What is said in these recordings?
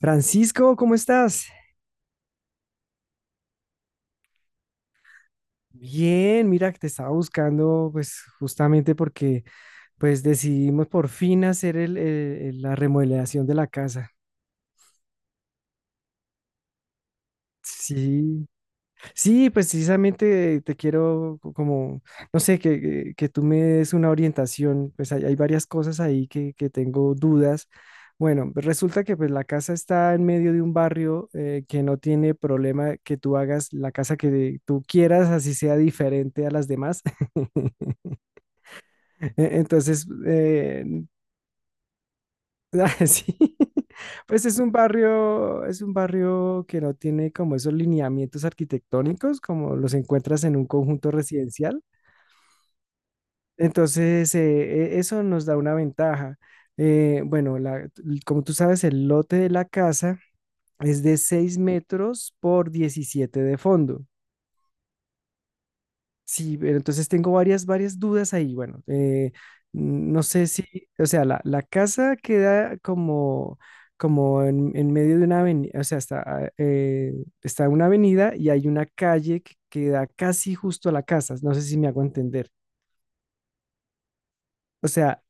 Francisco, ¿cómo estás? Bien, mira, que te estaba buscando, pues justamente porque pues decidimos por fin hacer la remodelación de la casa. Sí, sí, pues precisamente te quiero como, no sé, que tú me des una orientación, pues hay varias cosas ahí que tengo dudas. Bueno, pues, resulta que pues la casa está en medio de un barrio que no tiene problema que tú hagas la casa que tú quieras, así sea diferente a las demás. Entonces, sí, pues es un barrio que no tiene como esos lineamientos arquitectónicos como los encuentras en un conjunto residencial. Entonces, eso nos da una ventaja. Bueno, como tú sabes, el lote de la casa es de 6 metros por 17 de fondo. Sí, pero entonces tengo varias dudas ahí. Bueno, no sé si, o sea, la casa queda como, como en medio de una avenida, o sea, está una avenida y hay una calle que queda casi justo a la casa. No sé si me hago entender. O sea,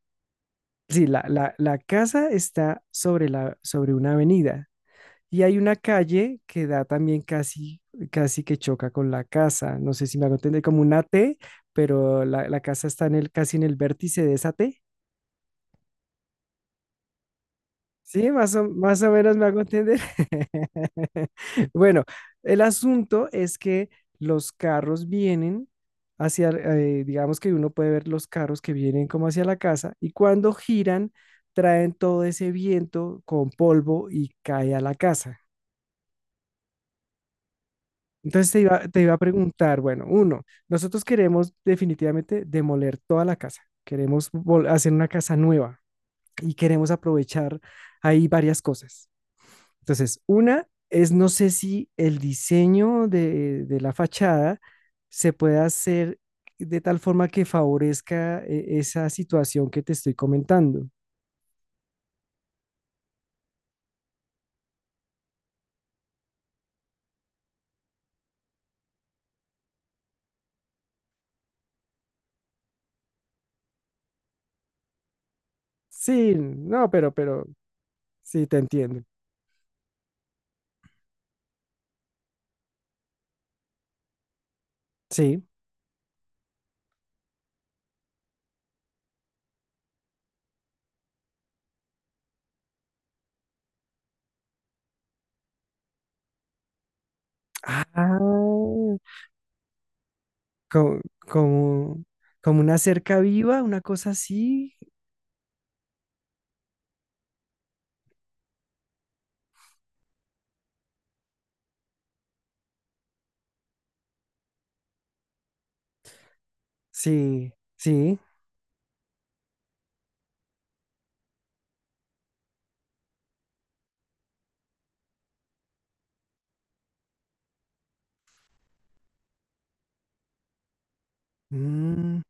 sí, la casa está sobre sobre una avenida. Y hay una calle que da también casi, casi que choca con la casa. No sé si me hago entender, como una T, pero la casa está en el, casi en el vértice de esa T. Sí, más o menos me hago entender. Bueno, el asunto es que los carros vienen digamos que uno puede ver los carros que vienen como hacia la casa y cuando giran traen todo ese viento con polvo y cae a la casa. Entonces te iba a preguntar, bueno, uno, nosotros queremos definitivamente demoler toda la casa, queremos hacer una casa nueva y queremos aprovechar ahí varias cosas. Entonces, una es, no sé si el diseño de la fachada se puede hacer de tal forma que favorezca esa situación que te estoy comentando. Sí, no, pero, sí, te entiendo. Sí. Ah, como, como, como una cerca viva, una cosa así. Sí, sí, mm,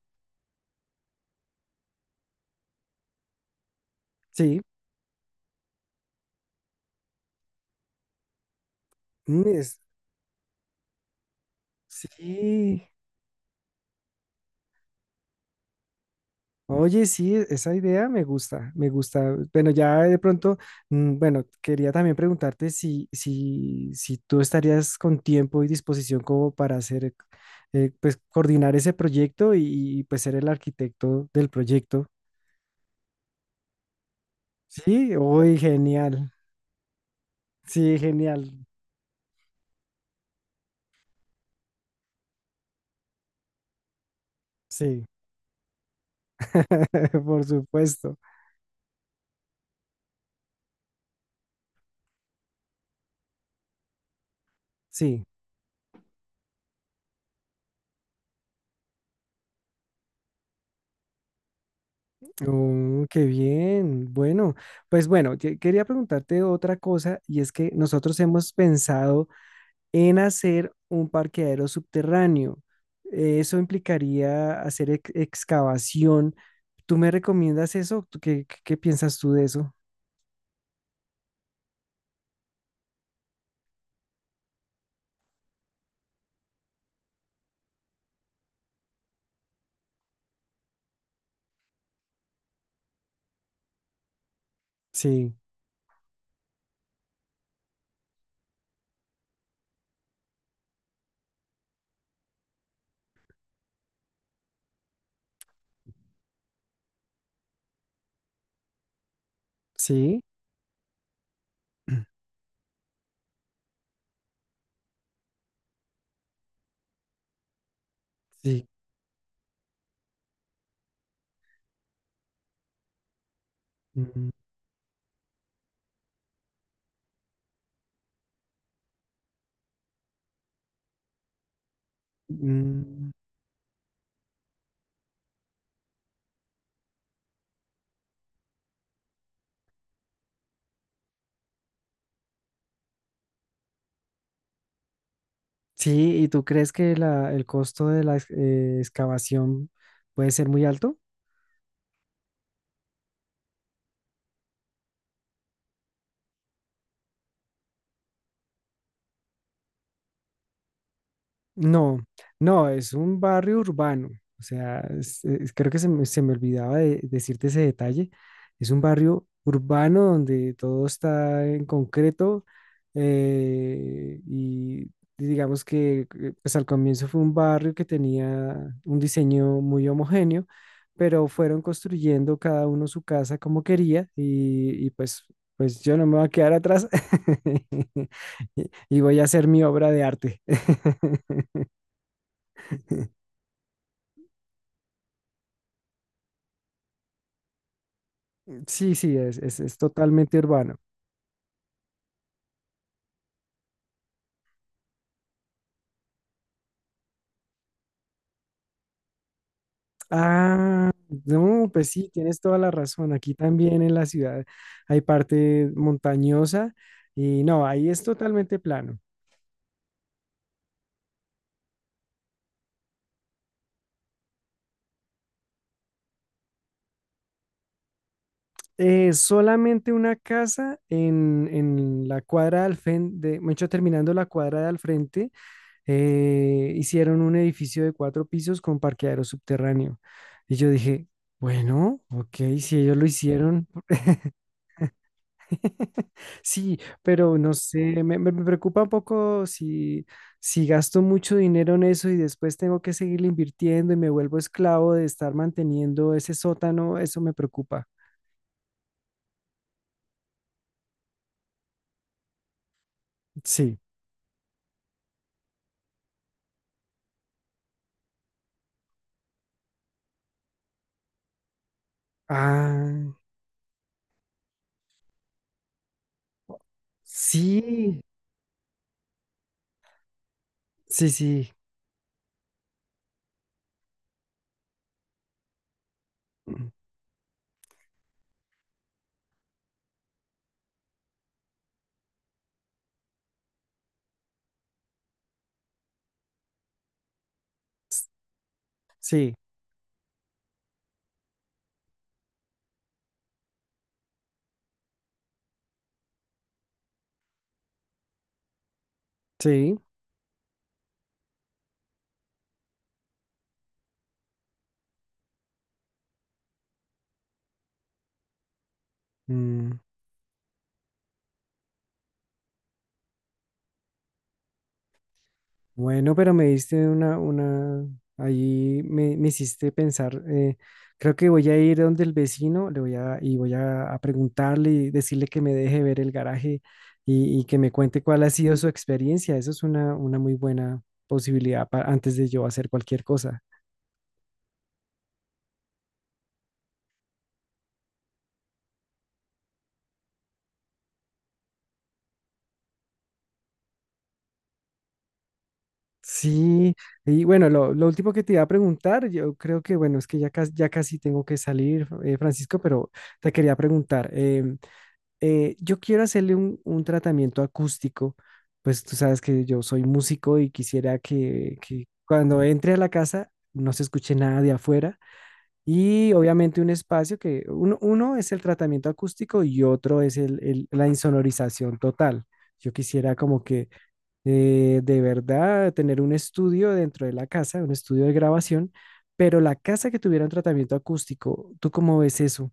sí, mm, es- sí. Oye, sí, esa idea me gusta, me gusta. Bueno, ya de pronto, bueno, quería también preguntarte si tú estarías con tiempo y disposición como para hacer, pues coordinar ese proyecto y, pues ser el arquitecto del proyecto. Sí, uy, genial. Sí, genial. Sí. Por supuesto. Sí. Oh, qué bien. Bueno, pues bueno, quería preguntarte otra cosa y es que nosotros hemos pensado en hacer un parqueadero subterráneo. Eso implicaría hacer excavación. ¿Tú me recomiendas eso? ¿Tú ¿Qué, qué, qué piensas tú de eso? Sí, sí, sí. Mm, mm. Sí, ¿y tú crees que el costo de la excavación puede ser muy alto? No, no, es un barrio urbano. O sea, creo que se me olvidaba de decirte ese detalle. Es un barrio urbano donde todo está en concreto y digamos que pues al comienzo fue un barrio que tenía un diseño muy homogéneo, pero fueron construyendo cada uno su casa como quería y pues, pues yo no me voy a quedar atrás y voy a hacer mi obra de arte. Sí, sí, es totalmente urbano. Ah, no, pues sí, tienes toda la razón. Aquí también en la ciudad hay parte montañosa y no, ahí es totalmente plano. Solamente una casa en la cuadra al frente, de hecho, terminando la cuadra de al frente, hicieron un edificio de cuatro pisos con parqueadero subterráneo. Y yo dije, bueno, ok, si ellos lo hicieron, sí, pero no sé, me preocupa un poco si, si gasto mucho dinero en eso y después tengo que seguir invirtiendo y me vuelvo esclavo de estar manteniendo ese sótano, eso me preocupa. Sí. Ah, sí, sí, sí. Mm, sí, sí. Mm. Bueno, pero me diste una, ahí me hiciste pensar, creo que voy a ir donde el vecino, le voy a, y voy a preguntarle y decirle que me deje ver el garaje y que me cuente cuál ha sido su experiencia. Eso es una muy buena posibilidad para, antes de yo hacer cualquier cosa. Sí, y bueno, lo último que te iba a preguntar, yo creo que, bueno, es que ya, ya casi tengo que salir, Francisco, pero te quería preguntar. Yo quiero hacerle un tratamiento acústico, pues tú sabes que yo soy músico y quisiera que cuando entre a la casa no se escuche nada de afuera y obviamente un espacio que uno, uno es el tratamiento acústico y otro es la insonorización total. Yo quisiera como que de verdad tener un estudio dentro de la casa, un estudio de grabación, pero la casa que tuviera un tratamiento acústico, ¿tú cómo ves eso?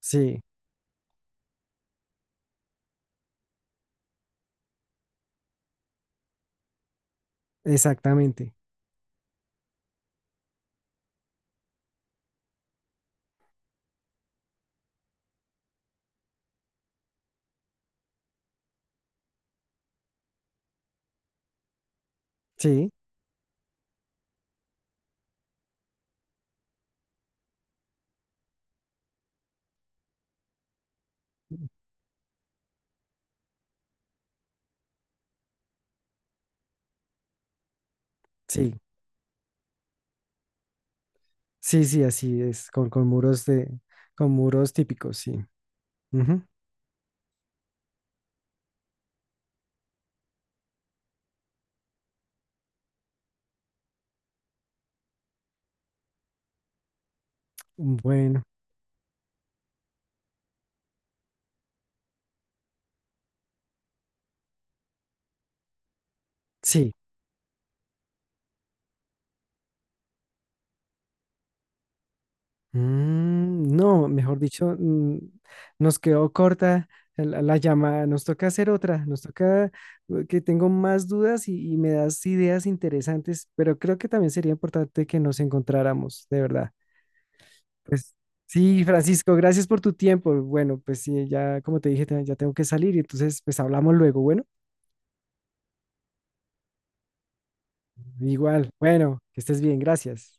Sí, exactamente. Sí, sí. Sí, sí, así es, con muros de, con muros típicos, sí. Ujú. Bueno, sí. No, mejor dicho, nos quedó corta la llamada. Nos toca hacer otra. Nos toca que tengo más dudas y me das ideas interesantes, pero creo que también sería importante que nos encontráramos, de verdad. Pues sí, Francisco, gracias por tu tiempo. Bueno, pues sí, ya como te dije, ya tengo que salir y entonces pues hablamos luego. Bueno, igual. Bueno, que estés bien, gracias.